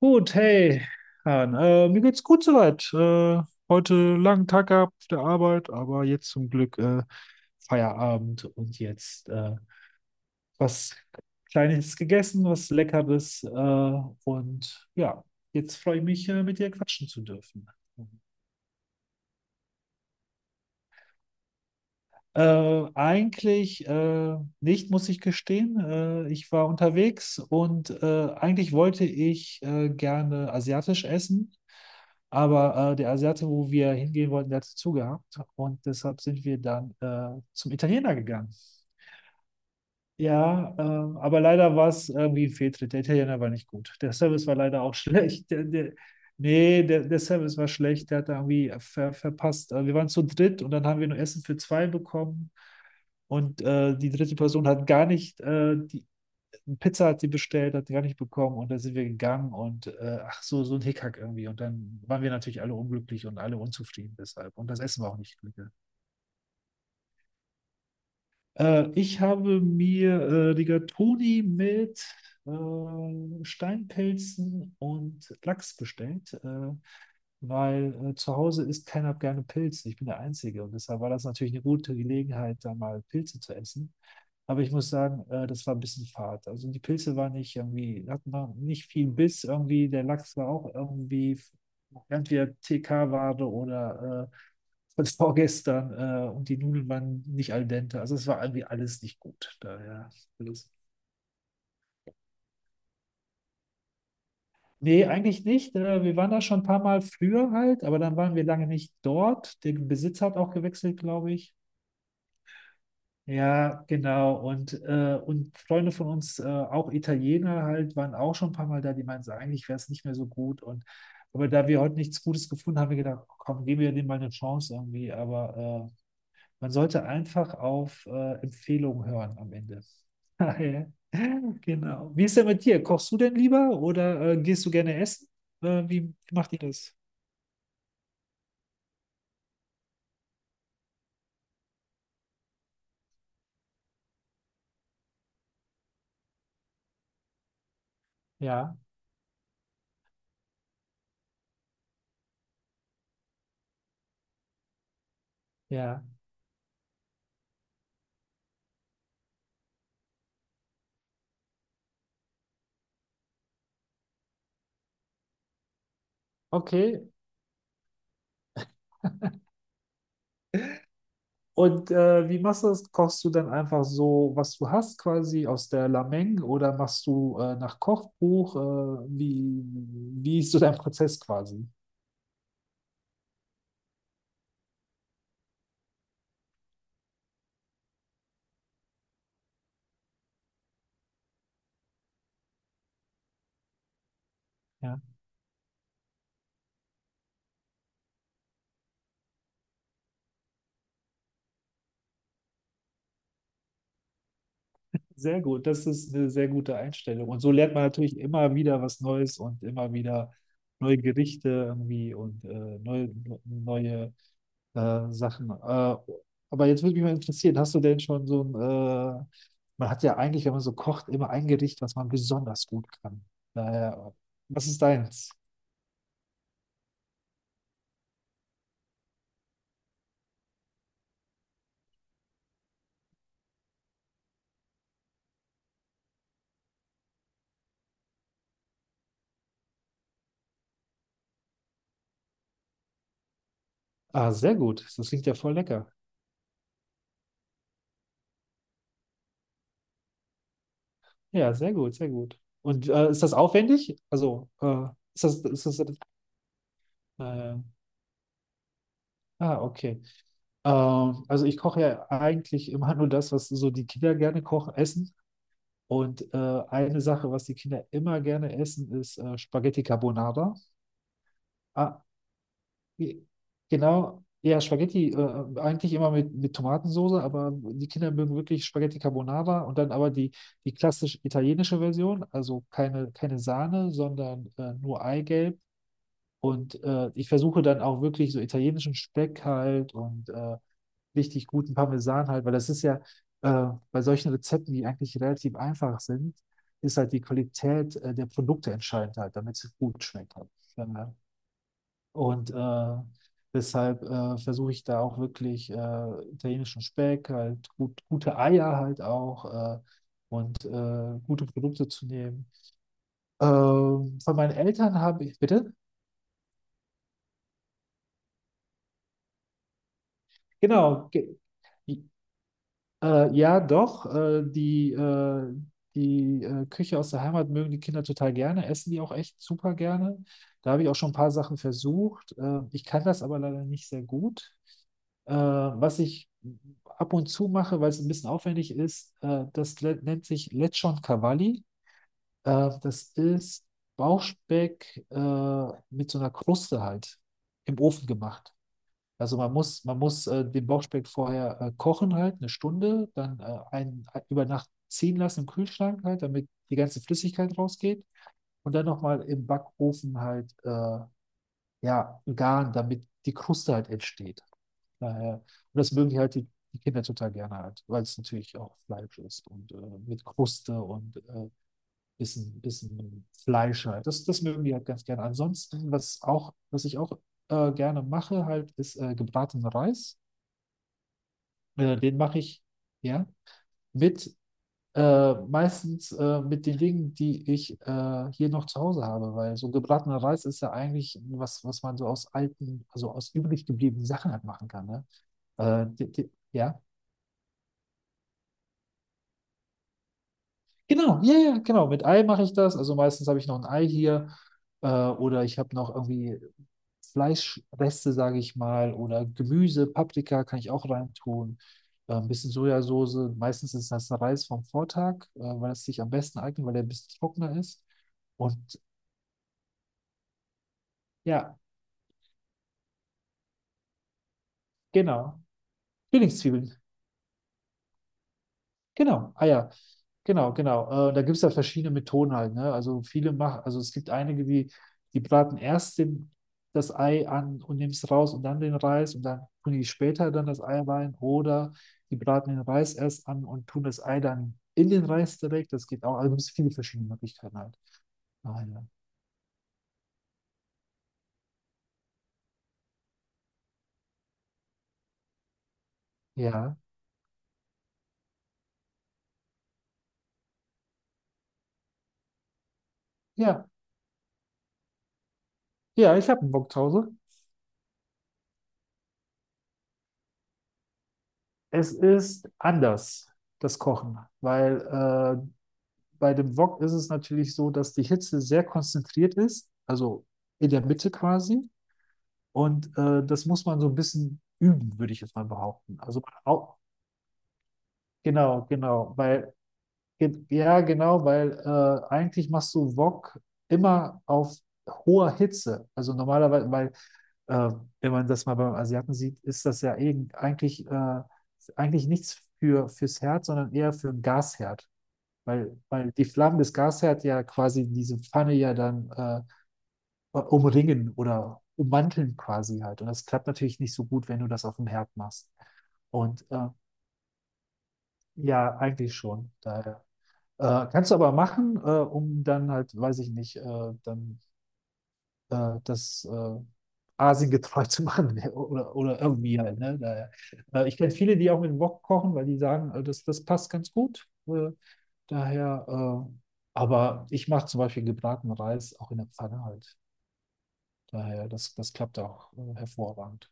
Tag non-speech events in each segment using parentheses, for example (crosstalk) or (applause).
Gut, hey, Han. Mir geht's gut soweit. Heute langen Tag gehabt auf der Arbeit, aber jetzt zum Glück Feierabend und jetzt was Kleines gegessen, was Leckeres. Und ja, jetzt freue ich mich, mit dir quatschen zu dürfen. Eigentlich nicht, muss ich gestehen. Ich war unterwegs und eigentlich wollte ich gerne asiatisch essen, aber der Asiate, wo wir hingehen wollten, der hatte zugehabt und deshalb sind wir dann zum Italiener gegangen. Ja, aber leider war es irgendwie ein Fehltritt. Der Italiener war nicht gut. Der Service war leider auch (laughs) schlecht. Nee, der Service war schlecht. Der hat da irgendwie verpasst. Wir waren zu dritt und dann haben wir nur Essen für zwei bekommen. Und die dritte Person hat gar nicht, die Pizza hat sie bestellt, hat sie gar nicht bekommen und dann sind wir gegangen und ach so, so ein Hickhack irgendwie. Und dann waren wir natürlich alle unglücklich und alle unzufrieden deshalb. Und das Essen war auch nicht glücklich. Ich habe mir Rigatoni mit Steinpilzen und Lachs bestellt, weil zu Hause isst keiner gerne Pilze. Ich bin der Einzige und deshalb war das natürlich eine gute Gelegenheit, da mal Pilze zu essen. Aber ich muss sagen, das war ein bisschen fad. Also die Pilze waren nicht irgendwie, hatten noch nicht viel Biss irgendwie. Der Lachs war auch irgendwie entweder TK-Ware oder von (laughs) vorgestern und die Nudeln waren nicht al dente. Also es war irgendwie alles nicht gut. Daher alles. Nee, eigentlich nicht. Wir waren da schon ein paar Mal früher halt, aber dann waren wir lange nicht dort. Der Besitzer hat auch gewechselt, glaube ich. Ja, genau. Und Freunde von uns, auch Italiener halt, waren auch schon ein paar Mal da, die meinten, so, eigentlich wäre es nicht mehr so gut. Und aber da wir heute nichts Gutes gefunden haben, haben wir gedacht, komm, geben wir dem mal eine Chance irgendwie. Aber man sollte einfach auf Empfehlungen hören am Ende. (laughs) Daher. Genau. Wie ist denn mit dir? Kochst du denn lieber oder gehst du gerne essen? Wie macht ihr das? Ja, ja. Okay. (laughs) Und wie machst du das? Kochst du dann einfach so, was du hast, quasi aus der Lameng oder machst du nach Kochbuch? Wie ist so dein Prozess quasi? Sehr gut, das ist eine sehr gute Einstellung. Und so lernt man natürlich immer wieder was Neues und immer wieder neue Gerichte irgendwie und neue Sachen. Aber jetzt würde mich mal interessieren, hast du denn schon so ein, man hat ja eigentlich, wenn man so kocht, immer ein Gericht, was man besonders gut kann. Daher, was ist deins? Ah, sehr gut. Das klingt ja voll lecker. Ja, sehr gut, sehr gut. Und ist das aufwendig? Also, ist das, äh, ah, okay. Also ich koche ja eigentlich immer nur das, was so die Kinder gerne kochen, essen. Und eine Sache, was die Kinder immer gerne essen, ist Spaghetti Carbonara. Ah, ge- genau. Ja, Spaghetti eigentlich immer mit Tomatensoße, aber die Kinder mögen wirklich Spaghetti Carbonara und dann aber die, die klassisch italienische Version, also keine, keine Sahne, sondern nur Eigelb. Und ich versuche dann auch wirklich so italienischen Speck halt und richtig guten Parmesan halt, weil das ist ja bei solchen Rezepten, die eigentlich relativ einfach sind, ist halt die Qualität der Produkte entscheidend halt, damit es gut schmeckt halt. Ja. Und deshalb versuche ich da auch wirklich italienischen Speck, halt gute Eier halt auch und gute Produkte zu nehmen. Von meinen Eltern habe ich, bitte? Genau, ja, doch. Die Küche aus der Heimat mögen die Kinder total gerne, essen die auch echt super gerne. Da habe ich auch schon ein paar Sachen versucht. Ich kann das aber leider nicht sehr gut. Was ich ab und zu mache, weil es ein bisschen aufwendig ist, das nennt sich Lechon Cavalli. Das ist Bauchspeck mit so einer Kruste halt im Ofen gemacht. Also man muss den Bauchspeck vorher kochen halt, eine Stunde, dann über Nacht ziehen lassen im Kühlschrank halt, damit die ganze Flüssigkeit rausgeht. Und dann nochmal im Backofen halt, ja, garen, damit die Kruste halt entsteht. Daher, und das mögen die halt die Kinder total gerne halt, weil es natürlich auch Fleisch ist und mit Kruste und bisschen Fleisch halt. Das, das mögen die halt ganz gerne. Ansonsten, was ich auch gerne mache halt, ist gebratenen Reis. Den mache ich, ja, mit meistens mit den Dingen, die ich hier noch zu Hause habe, weil so gebratener Reis ist ja eigentlich was, was man so aus alten, also aus übrig gebliebenen Sachen halt machen kann, ne? Die, ja. Genau, ja, ja, genau. Mit Ei mache ich das. Also meistens habe ich noch ein Ei hier oder ich habe noch irgendwie Fleischreste, sage ich mal, oder Gemüse, Paprika kann ich auch reintun. Ein bisschen Sojasauce. Meistens ist das Reis vom Vortag, weil es sich am besten eignet, weil der ein bisschen trockener ist. Und ja, genau. Frühlingszwiebeln. Genau, ah ja, genau, genau. Da gibt es ja verschiedene Methoden halt, ne? Also viele machen, also es gibt einige, die, die braten erst den, das Ei an und nehmen es raus und dann den Reis und dann tun die später dann das Ei rein oder die braten den Reis erst an und tun das Ei dann in den Reis direkt. Das geht auch, also es gibt viele verschiedene Möglichkeiten halt. Ah, ja. Ja, ja, ja, ich habe einen Bock zu Hause. Es ist anders, das Kochen, weil bei dem Wok ist es natürlich so, dass die Hitze sehr konzentriert ist, also in der Mitte quasi. Und das muss man so ein bisschen üben, würde ich jetzt mal behaupten. Also genau, genau, weil ja genau, weil eigentlich machst du Wok immer auf hoher Hitze. Also normalerweise, weil äh, wenn man das mal beim Asiaten sieht, ist das ja eigentlich eigentlich nichts fürs Herz, sondern eher für einen Gasherd. Weil, weil die Flammen des Gasherd ja quasi diese Pfanne ja dann umringen oder ummanteln quasi halt. Und das klappt natürlich nicht so gut, wenn du das auf dem Herd machst. Und ja, eigentlich schon. Daher. Kannst du aber machen, um dann halt, weiß ich nicht, dann das Asien getreu zu machen (laughs) oder irgendwie halt. Ne? Daher. Ich kenne viele, die auch mit dem Wok kochen, weil die sagen, das, das passt ganz gut. Daher, äh, aber ich mache zum Beispiel gebratenen Reis auch in der Pfanne halt. Daher, das, das klappt auch hervorragend.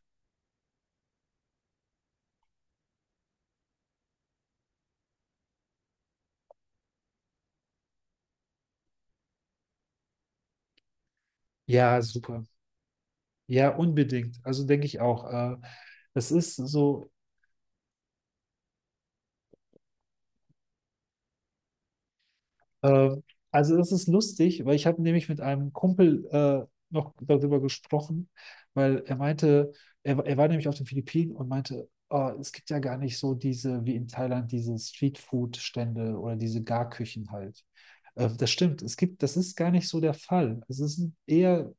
Ja, super. Ja, unbedingt. Also denke ich auch. Es ist so. Ähm, also das ist lustig, weil ich habe nämlich mit einem Kumpel noch darüber gesprochen, weil er meinte, er war nämlich auf den Philippinen und meinte, oh, es gibt ja gar nicht so diese, wie in Thailand, diese Streetfood-Stände oder diese Garküchen halt. Das stimmt, es gibt, das ist gar nicht so der Fall. Es ist eher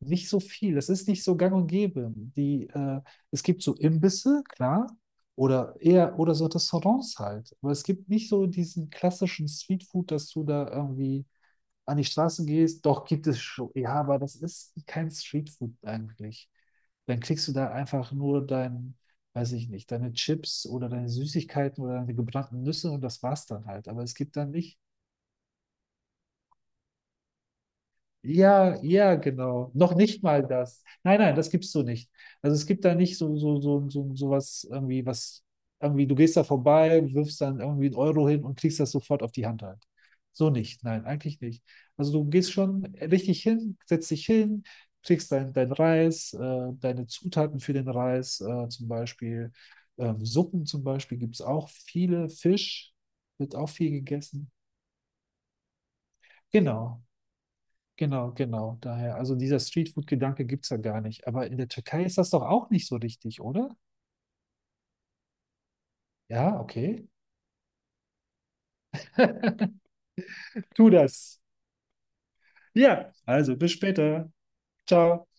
nicht so viel. Es ist nicht so gang und gäbe. Es gibt so Imbisse, klar, oder eher oder so Restaurants halt. Aber es gibt nicht so diesen klassischen Streetfood, dass du da irgendwie an die Straße gehst. Doch gibt es schon. Ja, aber das ist kein Streetfood eigentlich. Dann kriegst du da einfach nur dein, weiß ich nicht, deine Chips oder deine Süßigkeiten oder deine gebrannten Nüsse und das war's dann halt. Aber es gibt dann nicht. Ja, ja, genau. Noch nicht mal das. Nein, nein, das gibst du nicht. Also es gibt da nicht so was irgendwie, du gehst da vorbei, wirfst dann irgendwie 1 Euro hin und kriegst das sofort auf die Hand halt. So nicht, nein, eigentlich nicht. Also du gehst schon richtig hin, setzt dich hin, kriegst dein Reis, deine Zutaten für den Reis, zum Beispiel, Suppen zum Beispiel gibt es auch viele, Fisch wird auch viel gegessen. Genau. Genau, genau. Daher, also dieser Streetfood-Gedanke gibt's ja gar nicht. Aber in der Türkei ist das doch auch nicht so richtig, oder? Ja, okay. (laughs) Tu das. Ja, also bis später. Ciao.